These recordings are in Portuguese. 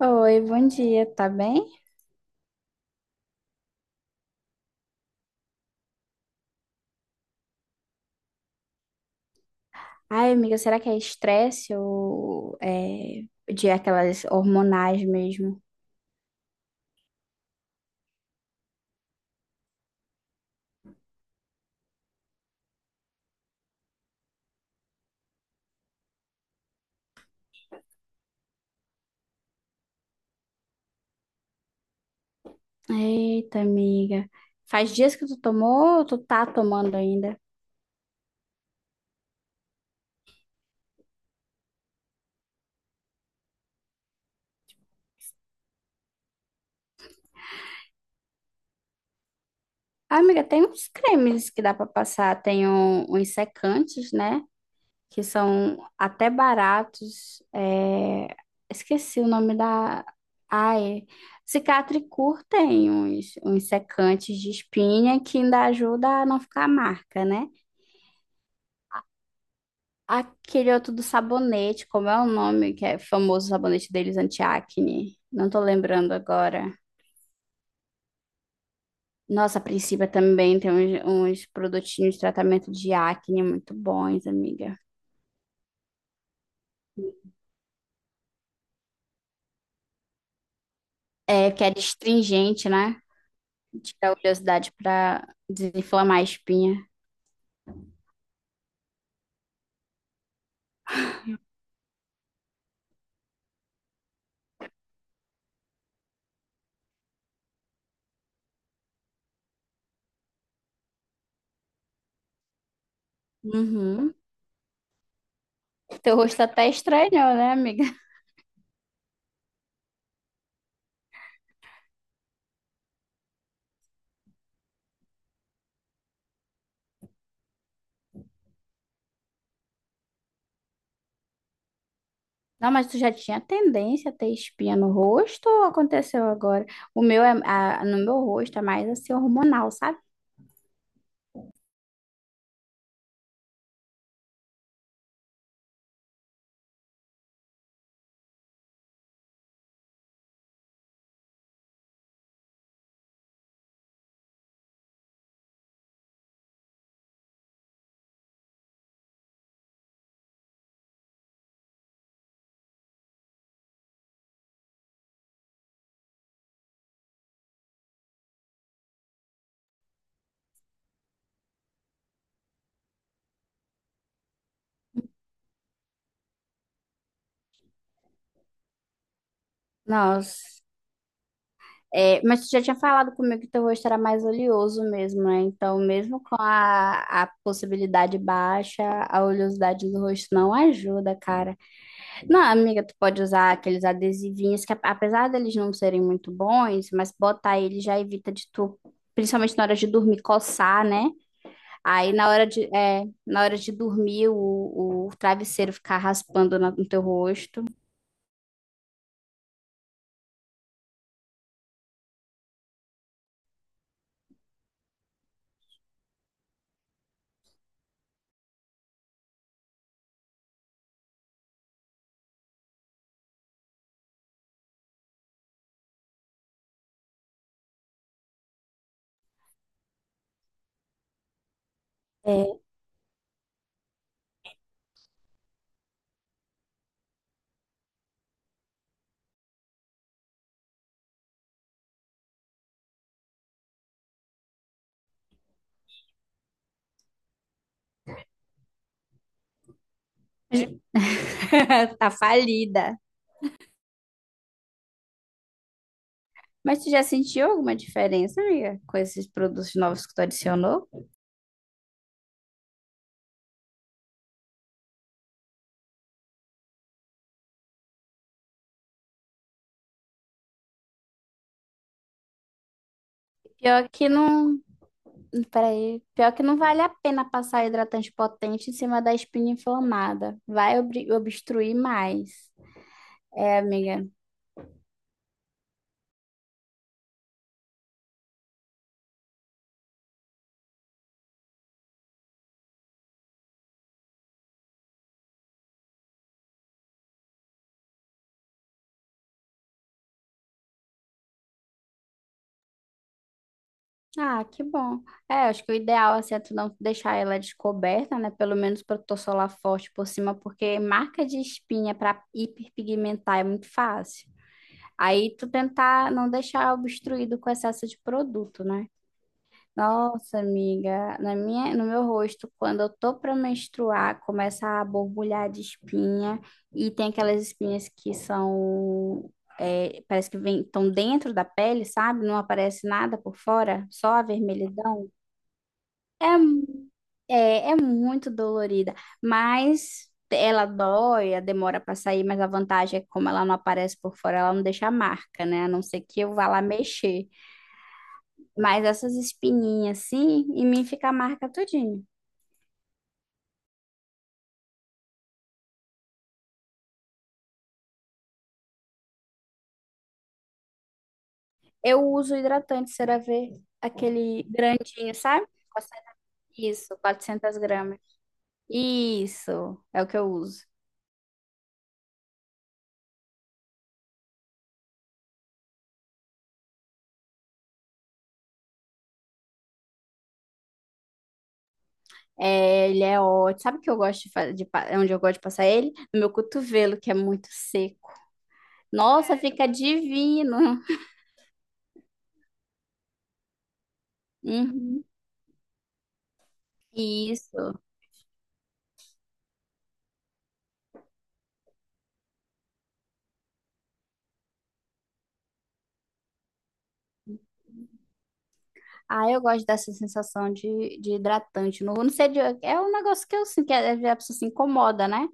Oi, bom dia, tá bem? Ai, amiga, será que é estresse ou é de aquelas hormonais mesmo? Eita, amiga. Faz dias que tu tomou ou tu tá tomando ainda? Ah, amiga, tem uns cremes que dá pra passar, tem uns secantes, né? Que são até baratos. Esqueci o nome da. Ai, Cicatricur tem uns secantes de espinha que ainda ajuda a não ficar marca, né? Aquele outro do sabonete, como é o nome que é famoso o sabonete deles anti-acne? Não tô lembrando agora. Nossa, a Principia também tem uns produtinhos de tratamento de acne muito bons, amiga. É, que é astringente, né? Tira a oleosidade pra desinflamar a espinha. Uhum. Teu rosto até estranhou, né, amiga? Não, mas tu já tinha tendência a ter espinha no rosto ou aconteceu agora? O meu no meu rosto é mais assim hormonal, sabe? Nossa. É, mas tu já tinha falado comigo que teu rosto era mais oleoso mesmo, né? Então, mesmo com a possibilidade baixa, a oleosidade do rosto não ajuda, cara. Não, amiga, tu pode usar aqueles adesivinhos que, apesar deles não serem muito bons, mas botar ele já evita de tu, principalmente na hora de dormir, coçar, né? Aí na hora de, na hora de dormir, o travesseiro ficar raspando no teu rosto. É. Tá falida. Mas tu já sentiu alguma diferença, amiga, com esses produtos novos que tu adicionou? Pior que não, Peraí, pior que não vale a pena passar hidratante potente em cima da espinha inflamada. Vai obstruir mais. É, amiga. Ah, que bom. É, acho que o ideal assim, é tu não deixar ela descoberta, né? Pelo menos protetor solar forte por cima, porque marca de espinha para hiperpigmentar é muito fácil. Aí tu tentar não deixar obstruído com excesso de produto, né? Nossa, amiga, na minha, no meu rosto, quando eu tô pra menstruar, começa a borbulhar de espinha e tem aquelas espinhas que são, é, parece que vem, estão dentro da pele, sabe? Não aparece nada por fora, só a vermelhidão. É, mu- é, é muito dolorida, mas ela dói, ela demora pra sair, mas a vantagem é que como ela não aparece por fora, ela não deixa marca, né? A não ser que eu vá lá mexer. Mas essas espinhas assim, em mim fica a marca tudinho. Eu uso hidratante CeraVe, aquele grandinho, sabe? 400. Isso, 400 gramas. Isso, é o que eu uso. É, ele é ótimo. Sabe o que eu gosto de fazer, onde eu gosto de passar ele? No meu cotovelo, que é muito seco. Nossa, fica divino. Uhum. Isso. Ah, eu gosto dessa sensação de hidratante. Não, não sei, é um negócio que eu sinto, que às vezes a pessoa se incomoda, né?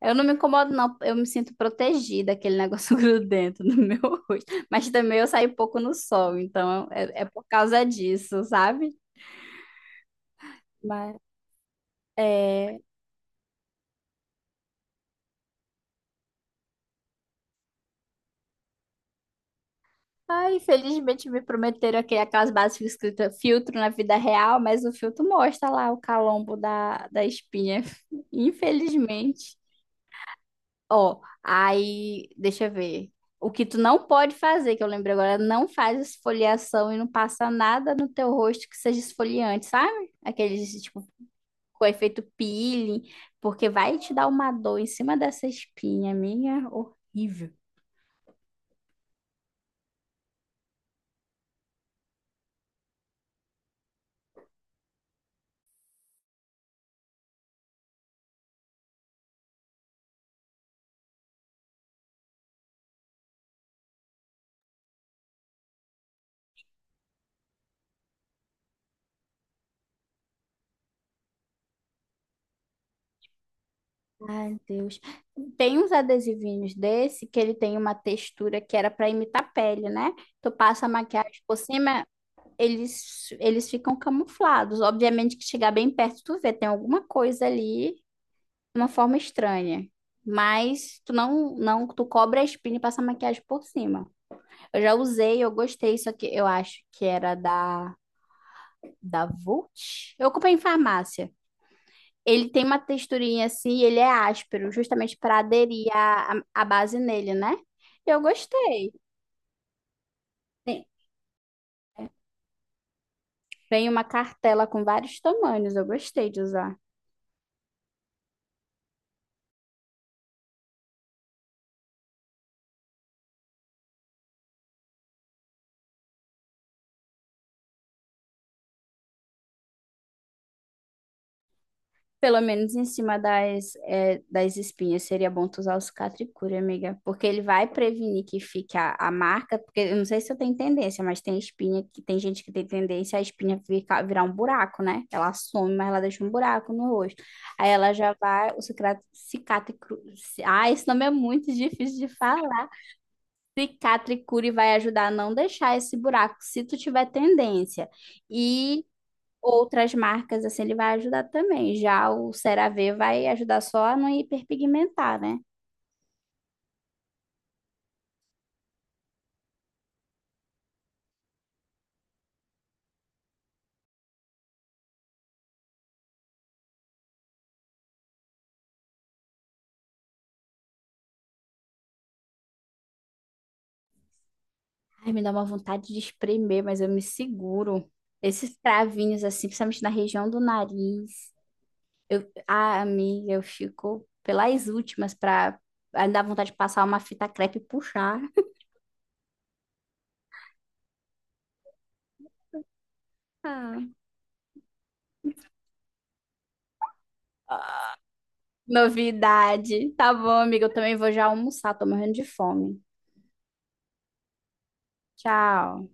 Eu não me incomodo, não. Eu me sinto protegida, aquele negócio grudento no meu rosto. Mas também eu saio pouco no sol, então é, é por causa disso, sabe? Mas, é... Ah, infelizmente me prometeram aqui aquelas bases que ficam escritas filtro na vida real, mas o filtro mostra lá o calombo da espinha. Infelizmente. Ó, aí, deixa eu ver. O que tu não pode fazer, que eu lembrei agora, não faz esfoliação e não passa nada no teu rosto que seja esfoliante, sabe? Aqueles, tipo, com efeito peeling, porque vai te dar uma dor em cima dessa espinha, minha, horrível. Ai, Deus. Tem uns adesivinhos desse que ele tem uma textura que era para imitar pele, né? Tu passa a maquiagem por cima, eles ficam camuflados. Obviamente que chegar bem perto, tu vê, tem alguma coisa ali de uma forma estranha. Mas tu não, não, tu cobre a espinha e passa a maquiagem por cima. Eu já usei, eu gostei, só que eu acho que era da Vult. Eu comprei em farmácia. Ele tem uma texturinha assim, e ele é áspero, justamente para aderir a base nele, né? Eu gostei. Tem, tem uma cartela com vários tamanhos, eu gostei de usar. Pelo menos em cima das, é, das espinhas, seria bom tu usar o Cicatricure, amiga. Porque ele vai prevenir que fique a marca, porque eu não sei se eu tenho tendência, mas tem espinha, que tem gente que tem tendência a espinha ficar, virar um buraco, né? Ela some, mas ela deixa um buraco no rosto. Aí ela já vai, o cicatricure... Ah, esse nome é muito difícil de falar. Cicatricure vai ajudar a não deixar esse buraco, se tu tiver tendência. E outras marcas, assim, ele vai ajudar também. Já o CeraVe vai ajudar só a não hiperpigmentar, né? Ai, me dá uma vontade de espremer, mas eu me seguro. Esses cravinhos, assim, principalmente na região do nariz. Eu, ah, amiga, eu fico pelas últimas pra ah, dar vontade de passar uma fita crepe e puxar. Ah, novidade. Tá bom, amiga, eu também vou já almoçar, tô morrendo de fome. Tchau.